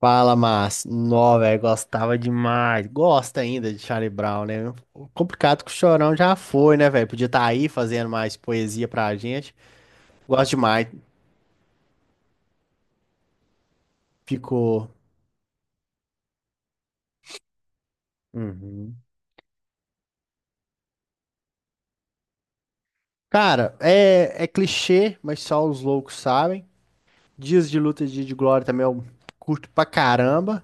Fala, mas, nó, velho, gostava demais. Gosta ainda de Charlie Brown, né? O complicado que o Chorão já foi, né, velho? Podia estar aí fazendo mais poesia pra gente. Gosto demais. Ficou. Uhum. Cara, é clichê, mas só os loucos sabem. Dias de Luta e Dia de Glória também eu curto pra caramba.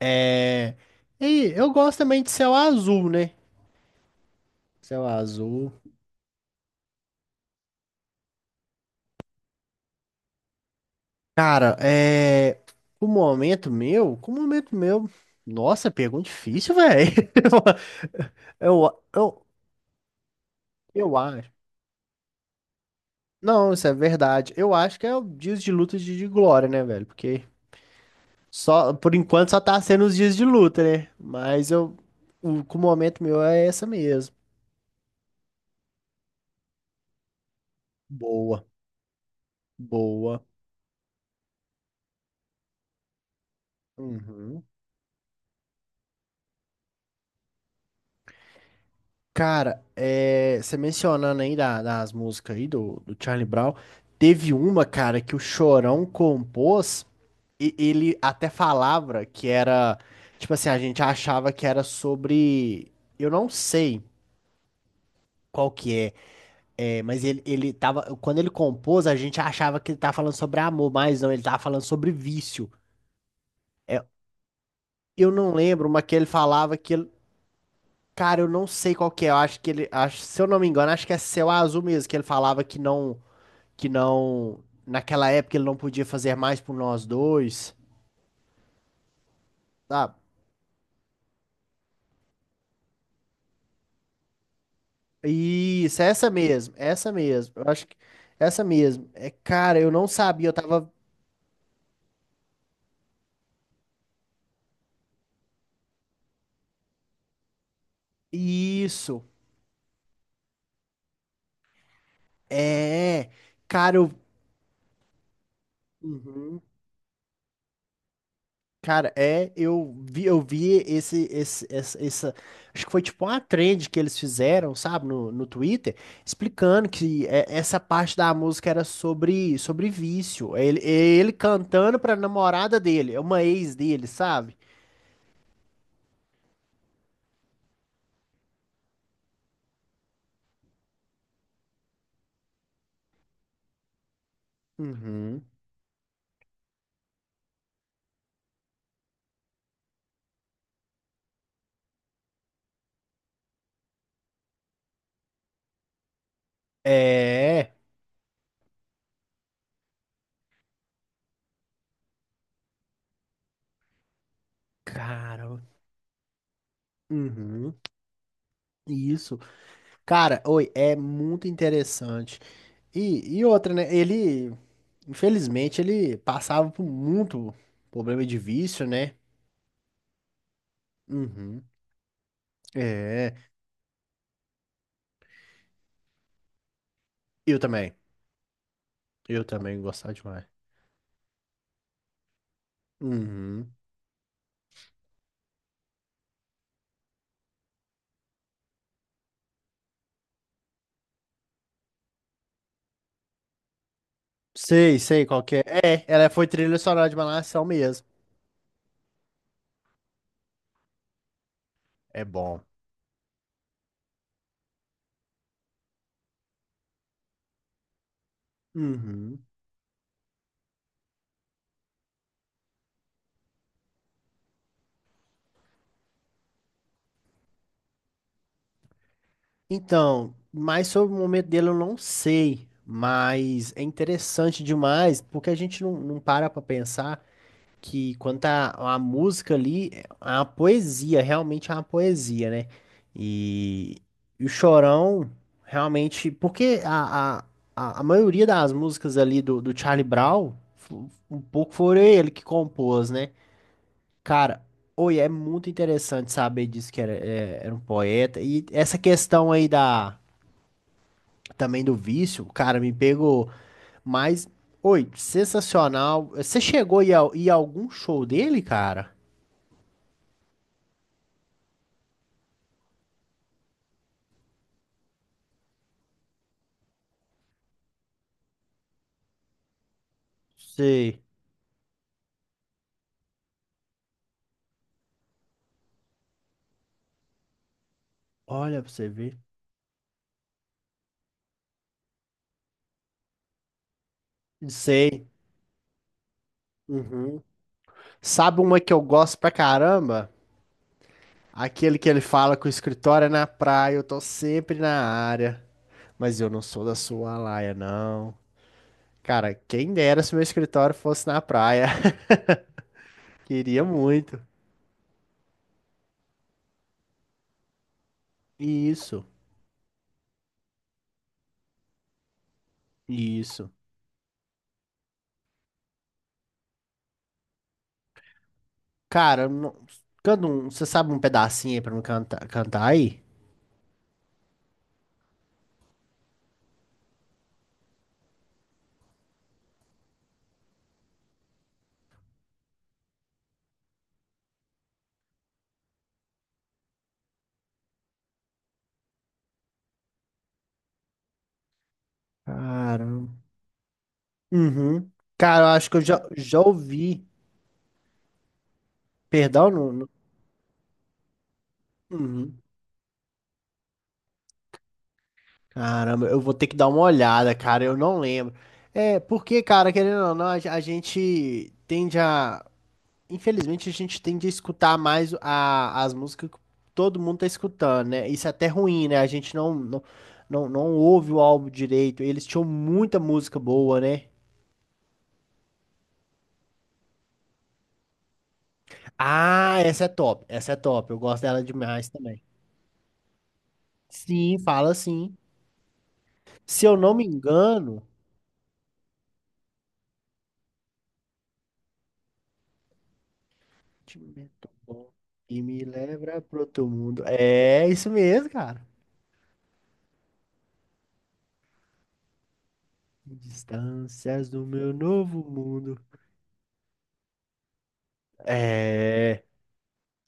É. E eu gosto também de Céu Azul, né? Céu Azul. Cara, é. O momento meu, com o momento meu. Nossa, pergunta difícil, velho. Eu, eu, eu acho. Não, isso é verdade. Eu acho que é o dias de luta e dias de glória, né, velho? Porque só, por enquanto só tá sendo os dias de luta, né? Mas eu, o, com o momento meu é essa mesmo. Boa, boa. Uhum. Cara, é, você mencionando aí das músicas aí do Charlie Brown, teve uma, cara, que o Chorão compôs e ele até falava que era, tipo assim, a gente achava que era sobre, eu não sei qual que é, é, mas ele tava, quando ele compôs, a gente achava que ele tava falando sobre amor, mas não, ele tava falando sobre vício. É, eu não lembro, mas que ele falava que ele, cara, eu não sei qual que é. Eu acho que ele. Acho, se eu não me engano, acho que é Céu Azul mesmo, que ele falava que não. Que não. Naquela época ele não podia fazer mais por nós dois, sabe? Isso, é essa mesmo. Eu acho que é essa mesmo. É, cara, eu não sabia, eu tava. Isso, é. Cara, eu. Uhum. Cara, é, eu vi acho que foi tipo uma trend que eles fizeram, sabe, no Twitter, explicando que é, essa parte da música era sobre, sobre vício. É ele, é ele cantando pra namorada dele, é uma ex dele, sabe? Uhum. É, cara, uhum, isso. Cara, oi, é muito interessante. E outra, né? Ele, infelizmente, ele passava por muito problema de vício, né? Uhum. É, eu também. Eu também gostava demais. Uhum. Sei qual que é. É, ela foi trilha sonora de Malhação mesmo. É bom. Uhum. Então, mais sobre o momento dele eu não sei, mas é interessante demais porque a gente não para pra pensar. Que quanto à música ali, é uma poesia, realmente é uma poesia, né? E, e o Chorão, realmente, porque a maioria das músicas ali do Charlie Brown, um pouco foi ele que compôs, né? Cara, oi, é muito interessante saber disso que era, era um poeta. E essa questão aí da, também do vício, cara, me pegou, mas oi, sensacional. Você chegou a ir a algum show dele, cara? Sei. Olha pra você ver. Sei. Uhum. Sabe uma que eu gosto pra caramba? Aquele que ele fala que o escritório é na praia, eu tô sempre na área. Mas eu não sou da sua laia, não. Cara, quem dera se meu escritório fosse na praia. Queria muito. Isso, isso. Cara, não... você sabe um pedacinho aí pra me cantar, cantar aí? Caramba. Uhum. Cara, eu acho que já ouvi. Perdão, não. Não. Uhum. Caramba, eu vou ter que dar uma olhada, cara, eu não lembro. É, porque, cara, querendo ou não, a gente tende a. Infelizmente, a gente tende a escutar mais as músicas que todo mundo tá escutando, né? Isso é até ruim, né? A gente não ouve o álbum direito. Eles tinham muita música boa, né? Ah, essa é top, eu gosto dela demais também. Sim, fala sim. Se eu não me engano. Te meto bom e me lembra pro outro mundo. É isso mesmo, cara. Distâncias do meu novo mundo. É.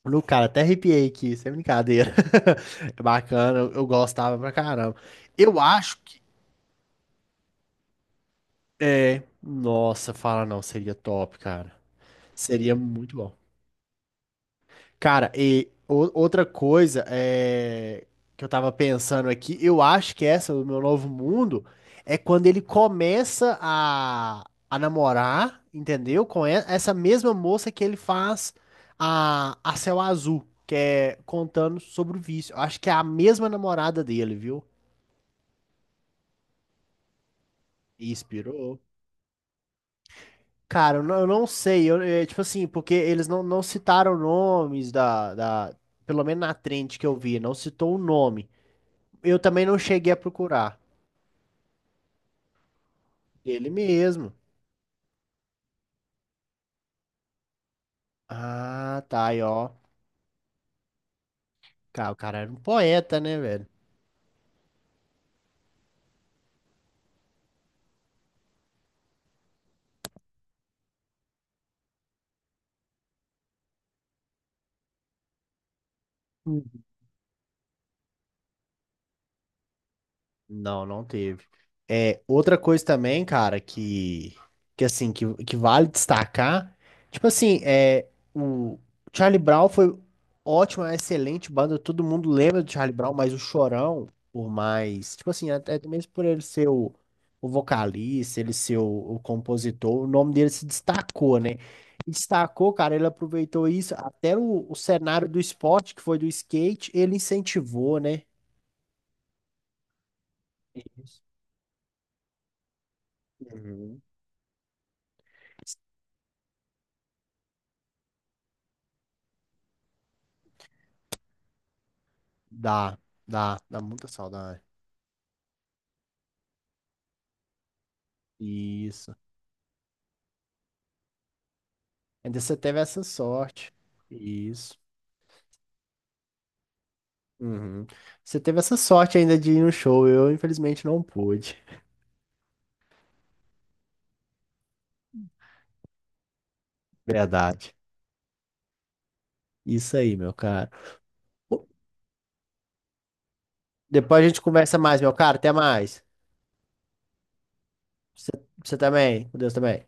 No cara, até arrepiei aqui, sem brincadeira. É bacana, eu gostava pra caramba. Eu acho que. É. Nossa, fala não, seria top, cara. Seria muito bom. Cara, e outra coisa é, que eu tava pensando aqui, eu acho que essa do Meu Novo Mundo é quando ele começa a namorar, entendeu? Com essa mesma moça que ele faz a Céu Azul, que é contando sobre o vício. Eu acho que é a mesma namorada dele, viu? Inspirou. Cara, eu não sei, eu, é, tipo assim, porque eles não citaram nomes pelo menos na trend que eu vi, não citou o nome. Eu também não cheguei a procurar. Ele mesmo. Ah, tá aí, ó. Cara, o cara era um poeta, né, velho? Não, não teve. É, outra coisa também, cara, que assim, que vale destacar, tipo assim, é, o Charlie Brown foi ótimo, é uma excelente banda, todo mundo lembra do Charlie Brown, mas o Chorão, por mais, tipo assim, até mesmo por ele ser o vocalista, ele ser o compositor, o nome dele se destacou, né? E destacou, cara, ele aproveitou isso, até o cenário do esporte, que foi do skate, ele incentivou, né? Isso. Uhum. Dá, dá muita saudade. Isso. Ainda você teve essa sorte. Isso. Uhum. Você teve essa sorte ainda de ir no show. Eu, infelizmente, não pude. Verdade. Isso aí, meu cara. Pô, depois a gente conversa mais, meu cara. Até mais. Você, você também. Com Deus também.